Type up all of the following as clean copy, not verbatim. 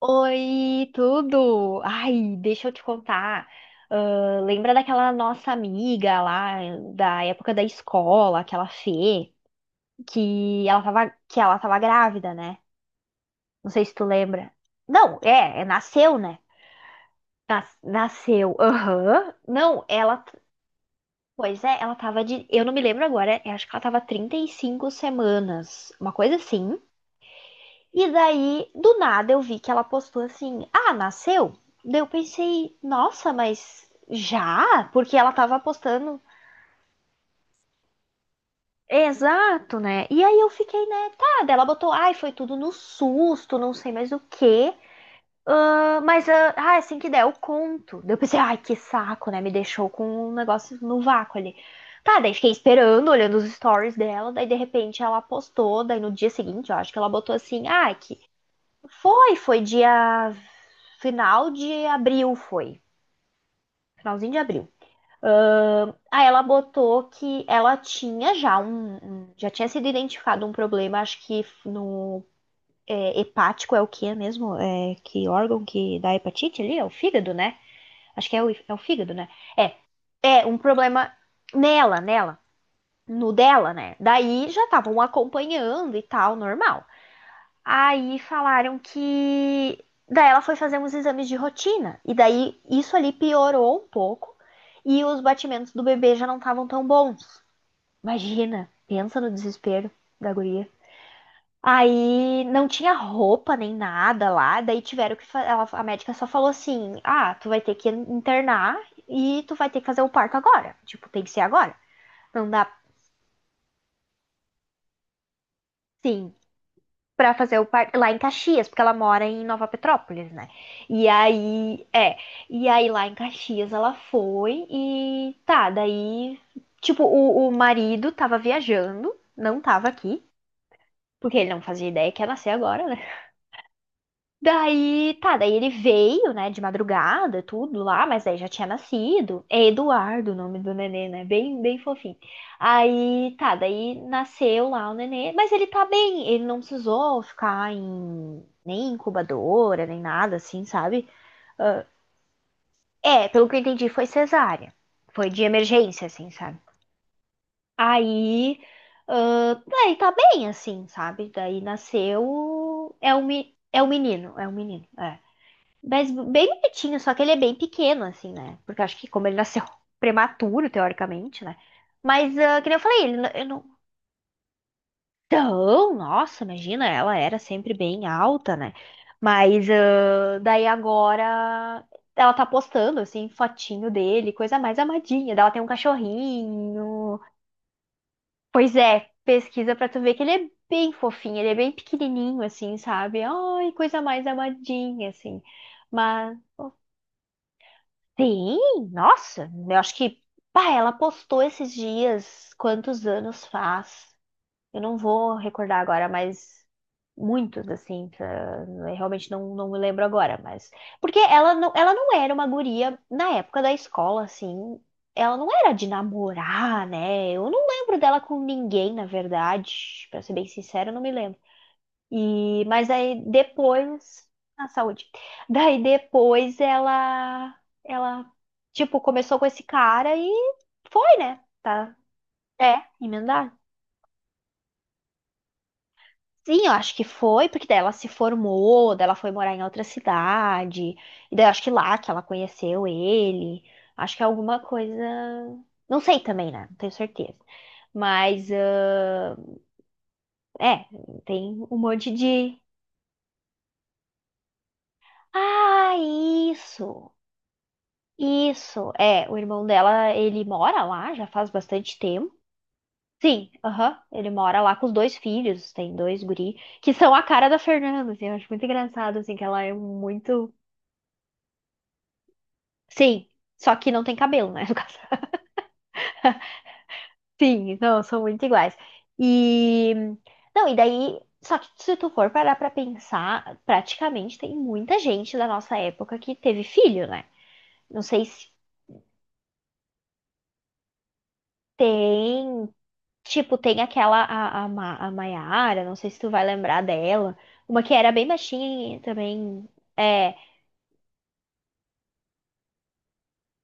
Oi, tudo? Ai, deixa eu te contar. Ah, lembra daquela nossa amiga lá da época da escola, aquela Fê, que ela tava grávida, né? Não sei se tu lembra. Não, nasceu, né? Nasceu. Aham. Não, ela. Pois é, ela tava de. Eu não me lembro agora, eu acho que ela tava 35 semanas, uma coisa assim. E daí, do nada, eu vi que ela postou assim: ah, nasceu? Daí eu pensei, nossa, mas já? Porque ela tava postando. Exato, né? E aí eu fiquei, né? Tá, daí ela botou, ai, foi tudo no susto, não sei mais o quê. Ah, mas, assim que der, eu conto. Daí eu pensei, ai, que saco, né? Me deixou com um negócio no vácuo ali. Tá, daí fiquei esperando, olhando os stories dela, daí de repente ela postou, daí no dia seguinte, eu acho que ela botou assim, que foi dia. Final de abril foi. Finalzinho de abril. Aí ela botou que ela tinha já um. Já tinha sido identificado um problema, acho que no. Hepático é o que é mesmo? É, que órgão que dá hepatite ali? É o fígado, né? Acho que é o fígado, né? É. É um problema nela. No dela, né? Daí já estavam acompanhando e tal, normal. Aí falaram que. Daí ela foi fazer uns exames de rotina. E daí isso ali piorou um pouco. E os batimentos do bebê já não estavam tão bons. Imagina, pensa no desespero da guria. Aí não tinha roupa nem nada lá. Daí tiveram que. Ela, a médica só falou assim: tu vai ter que internar e tu vai ter que fazer o parto agora. Tipo, tem que ser agora. Não dá. Sim, pra fazer o par lá em Caxias, porque ela mora em Nova Petrópolis, né? E aí, é, e aí lá em Caxias ela foi e tá, daí, tipo, o marido tava viajando, não tava aqui, porque ele não fazia ideia que ia nascer agora, né? Daí, tá, daí ele veio, né, de madrugada, tudo lá, mas aí já tinha nascido. É Eduardo o nome do nenê, né? Bem, bem fofinho. Aí, tá, daí nasceu lá o nenê, mas ele tá bem, ele não precisou ficar em nem incubadora, nem nada assim, sabe? É, pelo que eu entendi, foi cesárea. Foi de emergência, assim, sabe? Aí, daí tá bem, assim, sabe? Daí nasceu. É um menino, é. Mas bem bonitinho, só que ele é bem pequeno, assim, né? Porque eu acho que como ele nasceu prematuro, teoricamente, né? Mas, que nem eu falei, ele não. Eu não- Então, nossa, imagina, ela era sempre bem alta, né? Mas daí agora ela tá postando, assim, fotinho dele, coisa mais amadinha. Daí ela tem um cachorrinho. Pois é, pesquisa pra tu ver que ele é bem fofinho, ele é bem pequenininho, assim, sabe? Ai, coisa mais amadinha, assim. Mas. Sim, nossa, eu acho que, pá, ela postou esses dias, quantos anos faz? Eu não vou recordar agora, mas muitos, assim, eu realmente não me lembro agora, mas. Porque ela não era uma guria, na época da escola, assim, ela não era de namorar, né? Eu não lembro dela com ninguém, na verdade, pra ser bem sincera, eu não me lembro. E, mas aí depois, a saúde. Daí depois ela, tipo, começou com esse cara e foi, né? Tá, é, emendar. Sim, eu acho que foi, porque daí ela se formou, daí ela foi morar em outra cidade, e daí eu acho que lá que ela conheceu ele. Acho que é alguma coisa. Não sei também, né? Não tenho certeza. Mas, é, tem um monte de. Ah, isso! Isso, é, o irmão dela, ele mora lá já faz bastante tempo. Sim, aham, ele mora lá com os dois filhos, tem dois guri, que são a cara da Fernanda, assim, eu acho muito engraçado, assim, que ela é muito. Sim, só que não tem cabelo, né, no caso. Sim, não, são muito iguais. E. Não, e daí. Só que se tu for parar pra pensar, praticamente tem muita gente da nossa época que teve filho, né? Não sei se tem. Tipo, tem aquela, a Maiara, não sei se tu vai lembrar dela. Uma que era bem baixinha e também. É.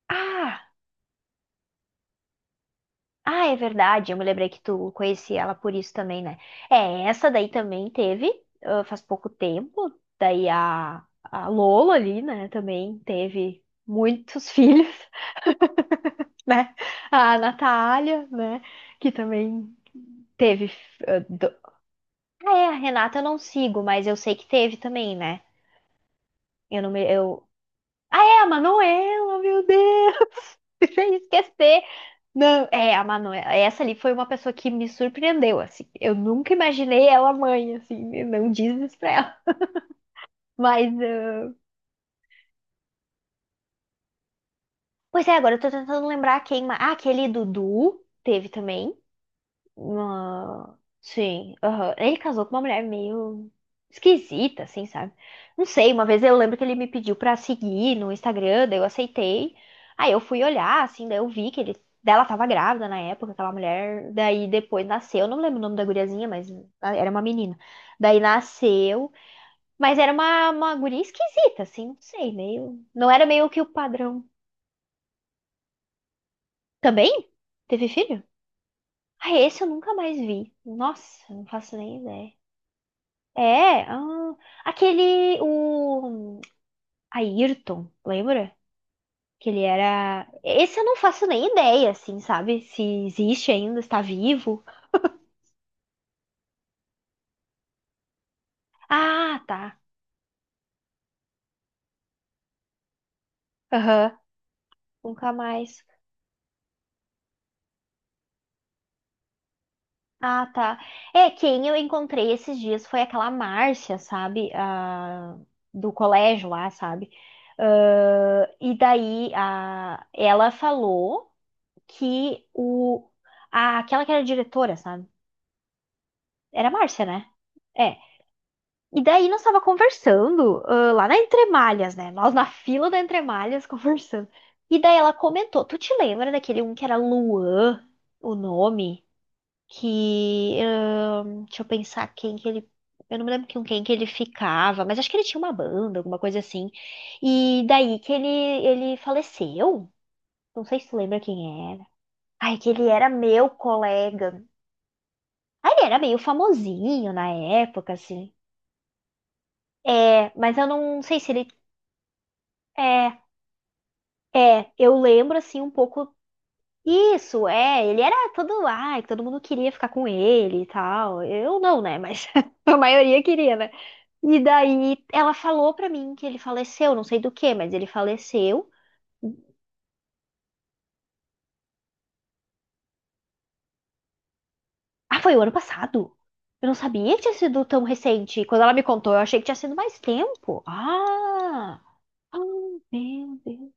Ah! Ah, é verdade. Eu me lembrei que tu conhecia ela por isso também, né? É, essa daí também teve, faz pouco tempo. Daí a Lola ali, né? Também teve muitos filhos, né? A Natália, né? Que também teve. ah, do- Ah, é, a Renata eu não sigo, mas eu sei que teve também, né? Eu não me, eu. Ah, é a Manuela, meu Deus! Sem esquecer. Não, é, a Manuela. Essa ali foi uma pessoa que me surpreendeu, assim. Eu nunca imaginei ela mãe, assim, né. Não diz isso pra ela. Mas. Ah. Pois é, agora eu tô tentando lembrar quem. Ah, aquele Dudu teve também. Uma. Sim, aham. Ele casou com uma mulher meio esquisita, assim, sabe? Não sei, uma vez eu lembro que ele me pediu pra seguir no Instagram, daí eu aceitei. Aí eu fui olhar, assim, daí eu vi que ele. Dela tava grávida na época, aquela mulher. Daí depois nasceu, eu não lembro o nome da guriazinha, mas era uma menina. Daí nasceu, mas era uma guria esquisita, assim, não sei, meio. Não era meio que o padrão. Também? Teve filho? Ah, esse eu nunca mais vi. Nossa, não faço nem ideia. É, ah, aquele, o Ayrton, lembra? Que ele era. Esse eu não faço nem ideia, assim, sabe? Se existe ainda, está vivo. Ah, tá. Aham, nunca mais. Ah, tá. É, quem eu encontrei esses dias foi aquela Márcia, sabe? A. Do colégio lá, sabe? Ah, e daí a. Ela falou que o. A. Aquela que era diretora, sabe? Era a Márcia, né? É. E daí nós tava conversando, ah, lá na Entremalhas, né? Nós na fila da Entremalhas conversando. E daí ela comentou, tu te lembra daquele um que era Luan, o nome? Que, deixa eu pensar quem que ele, eu não me lembro com quem que ele ficava, mas acho que ele tinha uma banda, alguma coisa assim. E daí que ele faleceu, não sei se tu lembra quem era. Ai, que ele era meu colega. Ai, ele era meio famosinho na época, assim. É, mas eu não sei se ele. É, é, eu lembro assim um pouco. Isso, é, ele era todo, ai, todo mundo queria ficar com ele e tal. Eu não, né? Mas a maioria queria, né? E daí ela falou pra mim que ele faleceu, não sei do que, mas ele faleceu. Ah, foi o ano passado. Eu não sabia que tinha sido tão recente. Quando ela me contou, eu achei que tinha sido mais tempo. Ah! Ah, meu Deus.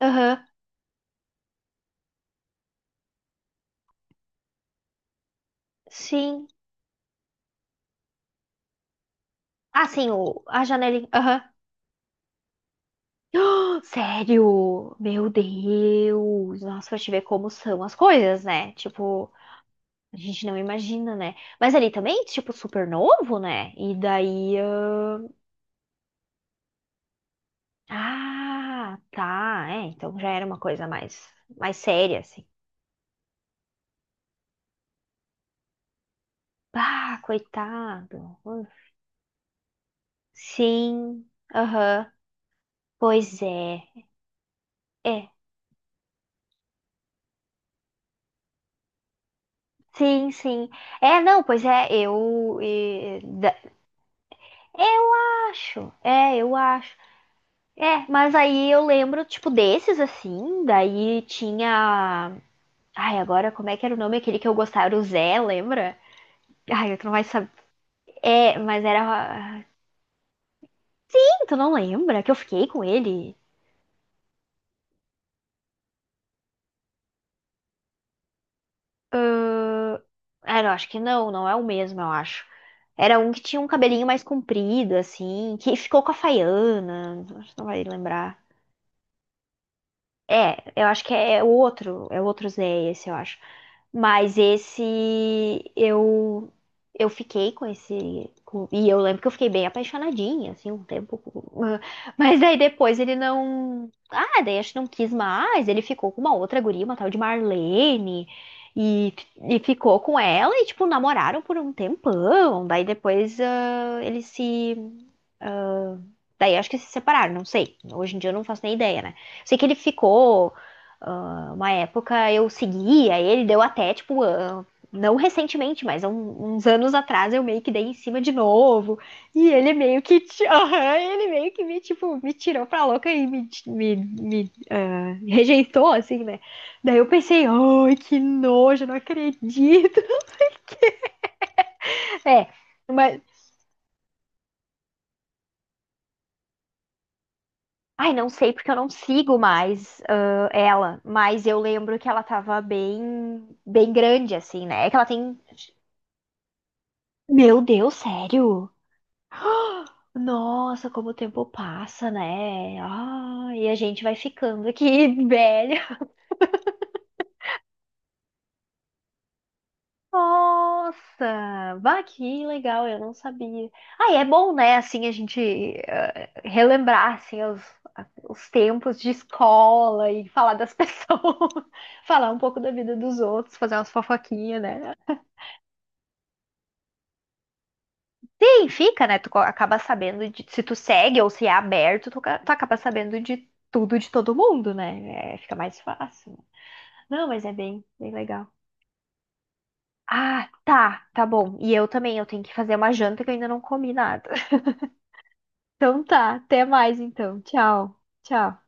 Aham, sim. Ah, sim, o, a janelinha. Aham. Sério? Meu Deus! Nossa, pra te ver como são as coisas, né? Tipo, a gente não imagina, né? Mas ali também, tipo, super novo, né? E daí. Ah, tá. É, então já era uma coisa mais séria, assim. Ah, coitado. Uf. Sim, aham. Pois é. É. Sim, sim. É, não, pois é, eu. E- da- Eu acho. É, eu acho. É, mas aí eu lembro, tipo, desses assim, daí tinha. Ai, agora como é que era o nome aquele que eu gostava? Era o Zé, lembra? Ai, tu não vai saber. É, mas era. Ih, tu não lembra que eu fiquei com ele? Ah, eu acho que não, não é o mesmo, eu acho. Era um que tinha um cabelinho mais comprido, assim, que ficou com a Faiana. Acho que não vai lembrar. É, eu acho que é o outro Zé, esse, eu acho. Mas esse eu eu fiquei com esse e eu lembro que eu fiquei bem apaixonadinha assim um tempo, mas aí depois ele não, daí acho que não quis mais, ele ficou com uma outra guria, uma tal de Marlene. E, e ficou com ela e, tipo, namoraram por um tempão. Daí depois ele se. Daí acho que se separaram, não sei. Hoje em dia eu não faço nem ideia, né? Sei que ele ficou. Uma época eu seguia ele, deu até, tipo, não recentemente, mas há uns anos atrás eu meio que dei em cima de novo. E ele meio que. Aham, ele meio que me, tipo, me tirou pra louca e me rejeitou, assim, né? Daí eu pensei, ai, que nojo, não acredito. É, mas. Ai, não sei porque eu não sigo mais ela, mas eu lembro que ela tava bem, bem grande, assim, né? É que ela tem. Meu Deus, sério? Nossa, como o tempo passa, né? Ah, e a gente vai ficando aqui velho. Nossa, bah, que legal, eu não sabia. Ah, e é bom, né, assim, a gente relembrar, assim, os tempos de escola e falar das pessoas, falar um pouco da vida dos outros, fazer umas fofoquinhas, né? Sim, fica, né, tu acaba sabendo de, se tu segue ou se é aberto, tu acaba sabendo de tudo de todo mundo, né? É, fica mais fácil. Não, mas é bem, bem legal. Ah, tá, tá bom. E eu também, eu tenho que fazer uma janta que eu ainda não comi nada. Então tá, até mais então. Tchau, tchau.